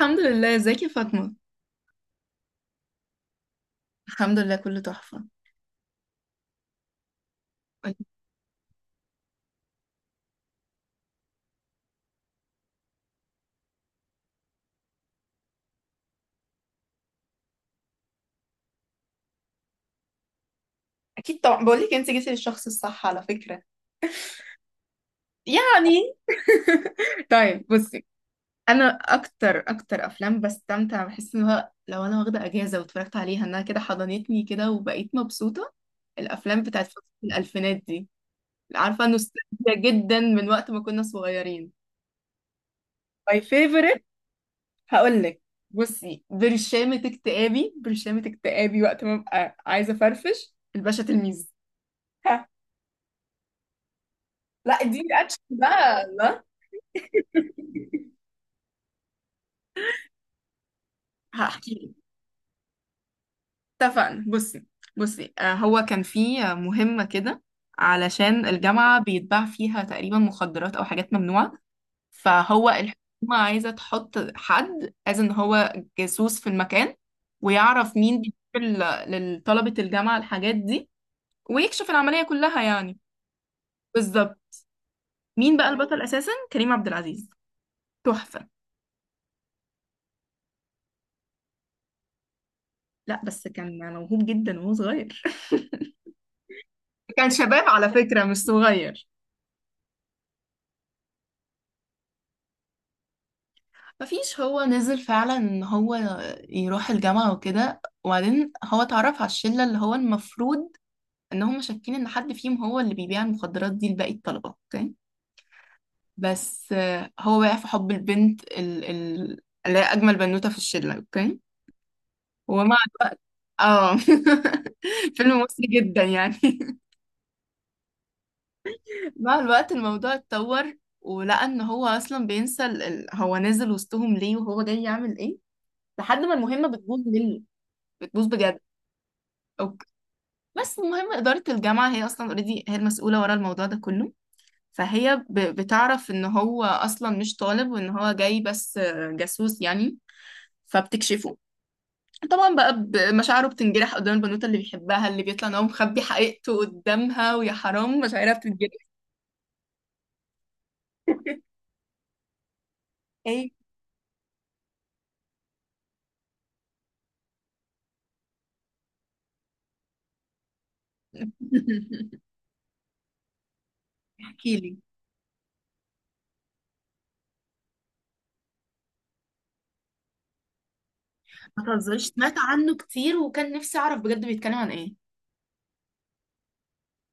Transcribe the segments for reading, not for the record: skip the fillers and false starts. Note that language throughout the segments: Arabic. الحمد لله، ازيك يا فاطمة؟ الحمد لله، كله تحفة. قولي. اكيد طبعا بقول لك انت جيتي للشخص الصح على فكره. يعني. طيب، بصي. انا اكتر اكتر افلام بستمتع، بحس ان هو لو انا واخدة اجازة واتفرجت عليها انها كده حضنتني كده وبقيت مبسوطة، الافلام بتاعت فترة الالفينات دي. عارفة، نوستالجيا جدا من وقت ما كنا صغيرين. my favorite. هقولك. بصي، برشامة اكتئابي، برشامة اكتئابي وقت ما ببقى عايزة افرفش، الباشا تلميذ. ها. لا دي اكشن بقى، لا. هحكي لك. اتفقنا، بصي. بصي هو كان في مهمة كده علشان الجامعة بيتباع فيها تقريبا مخدرات أو حاجات ممنوعة. فهو الحكومة عايزة تحط حد از ان هو جاسوس في المكان، ويعرف مين بيجيب لطلبة الجامعة الحاجات دي، ويكشف العملية كلها يعني. بالظبط. مين بقى البطل أساسا؟ كريم عبد العزيز. تحفة. لا بس كان موهوب جدا وهو صغير. كان شباب على فكرة، مش صغير. مفيش، هو نزل فعلا ان هو يروح الجامعة وكده، وبعدين هو اتعرف على الشلة اللي هو المفروض ان هم شاكين ان حد فيهم هو اللي بيبيع المخدرات دي لباقي الطلبة. اوكي. بس هو وقع في حب البنت اللي هي اجمل بنوتة في الشلة. اوكي. ومع الوقت، اه. فيلم مصري جدا يعني. مع الوقت الموضوع اتطور، ولقى ان هو اصلا بينسى هو نازل وسطهم ليه وهو جاي يعمل ايه، لحد ما المهمة بتبوظ منه، بتبوظ بجد. اوكي. بس المهم إدارة الجامعة هي أصلا اوريدي هي المسؤولة ورا الموضوع ده كله. فهي بتعرف إن هو أصلا مش طالب، وإن هو جاي بس جاسوس يعني، فبتكشفه. طبعا بقى مشاعره بتنجرح قدام البنوتة اللي بيحبها، اللي بيطلع إن هو مخبي حقيقته قدامها، ويا حرام مشاعرها بتنجرح. ايه؟ احكيلي. ما تهزريش، سمعت عنه كتير وكان نفسي أعرف بجد بيتكلم عن إيه.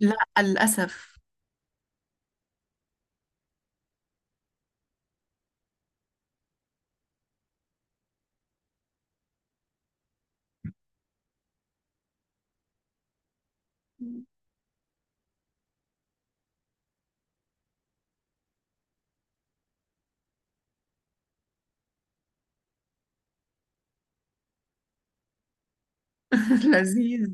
لا، للأسف. لذيذ.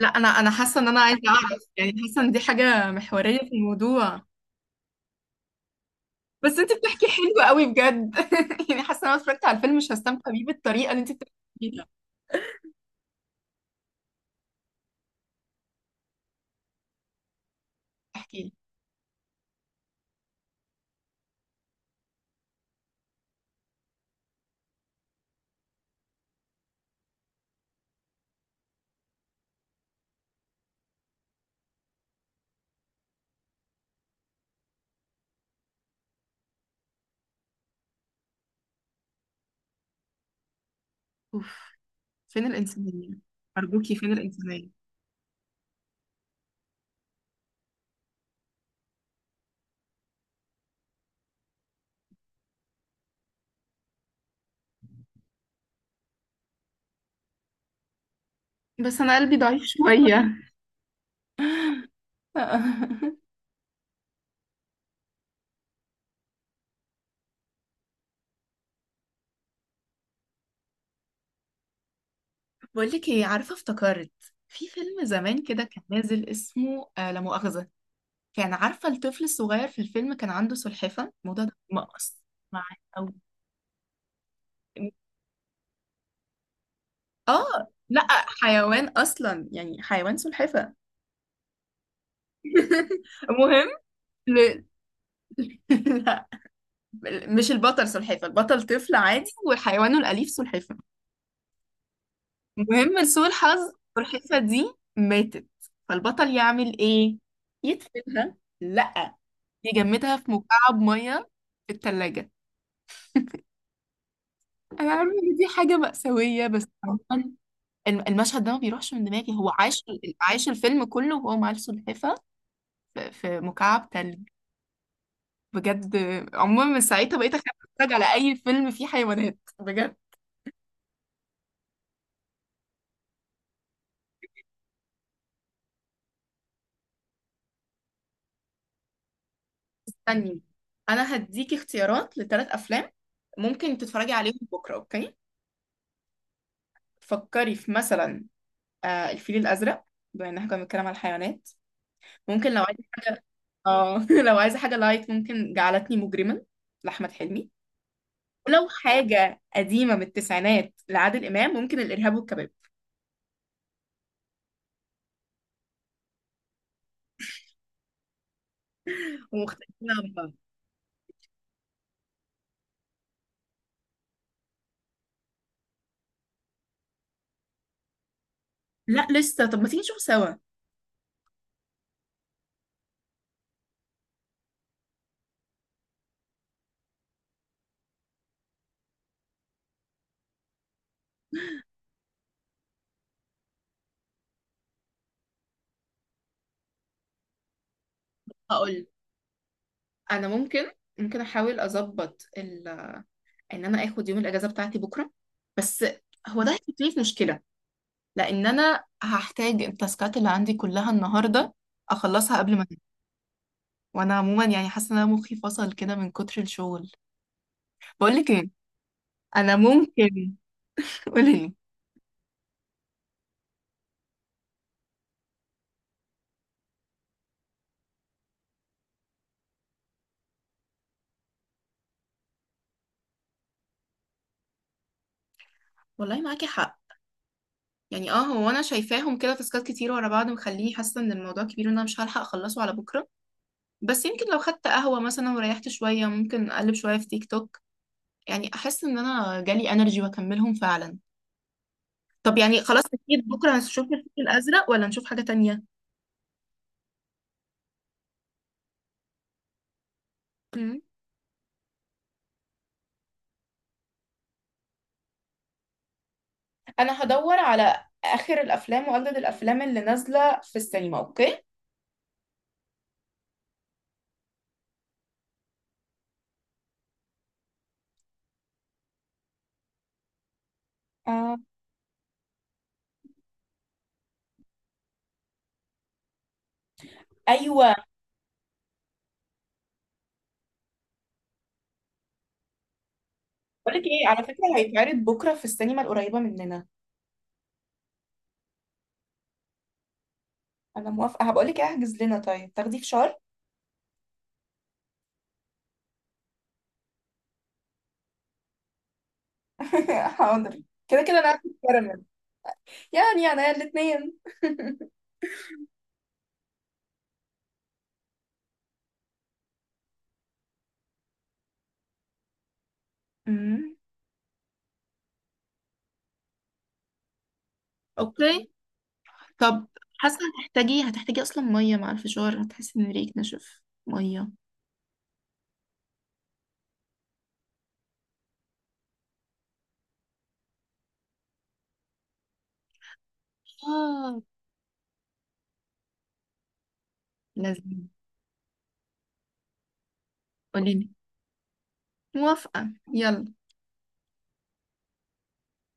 لا، انا حاسه ان انا عايزه اعرف، يعني حاسه ان دي حاجه محوريه في الموضوع. بس انت بتحكي حلو قوي بجد، يعني حاسه ان انا اتفرجت على الفيلم مش هستمتع بيه بالطريقه اللي انت بتحكي بيها. احكي لي. اوف، فين الانسانيه؟ ارجوكي، فين الانسانيه؟ بس انا قلبي ضعيف شويه. بقول لك ايه، عارفه افتكرت، في فيلم زمان كده كان نازل اسمه آه لا مؤاخذه. كان، عارفه، الطفل الصغير في الفيلم كان عنده سلحفه، الموضوع ده مقص معاه قوي. اه لا، حيوان اصلا يعني، حيوان سلحفة. المهم، ل... لا، مش البطل سلحفة، البطل طفل عادي وحيوانه الأليف سلحفة. المهم لسوء الحظ، السلحفة دي ماتت. فالبطل يعمل ايه؟ يدفنها؟ لا، يجمدها في مكعب مية، في التلاجة. انا عارفة ان دي حاجة مأساوية بس عموماً المشهد ده ما بيروحش من دماغي. هو عاش، عاش الفيلم كله وهو مع السلحفة، في مكعب تلج بجد. عموما من ساعتها بقيت اخاف اتفرج على اي فيلم فيه حيوانات بجد. استني، انا هديكي اختيارات لـ3 افلام ممكن تتفرجي عليهم بكره. اوكي. فكري في مثلا الفيل الازرق، بما ان احنا كنا بنتكلم على الحيوانات. ممكن لو عايزه حاجه اه لو عايزه حاجه لايت ممكن جعلتني مجرما لاحمد حلمي. ولو حاجه قديمه من التسعينات لعادل امام، ممكن الارهاب والكباب، ومختلفين عن بعض. لا لسه، طب ما تيجي نشوف سوا. هقول، انا ممكن احاول اظبط ان انا اخد يوم الاجازه بتاعتي بكره، بس هو ده هيحطني في مشكله، لان انا هحتاج التاسكات اللي عندي كلها النهارده اخلصها قبل ما أنام. وانا عموما يعني حاسه ان انا مخي فصل كده من كتر الشغل. بقول لك ايه، انا ممكن. قولي لي. والله معاكي حق، يعني اه هو انا شايفاهم كده تاسكات كتير ورا بعض مخليني حاسه ان الموضوع كبير وان انا مش هلحق اخلصه على بكره. بس يمكن لو خدت قهوه مثلا وريحت شويه، ممكن اقلب شويه في تيك توك، يعني احس ان انا جالي انرجي واكملهم فعلا. طب يعني خلاص، اكيد بكره هنشوف الفيل الازرق ولا نشوف حاجه تانية؟ مم. انا هدور على اخر الافلام واجدد الافلام اللي نازله في السينما. اوكي. آه. ايوه، بقول لك ايه، على فكره هيتعرض بكره في السينما القريبه مننا. انا موافقه، هبقول لك احجز لنا. طيب تاخدي فشار؟ حاضر، كده كده انا هاخد كراميل، يعني انا الاثنين. اوكي. طب حاسة هتحتاجي أصلا مية مع الفشار، هتحسي إن ريقك نشف. مية. اه. لازم. قوليلي. موافقة، يلا.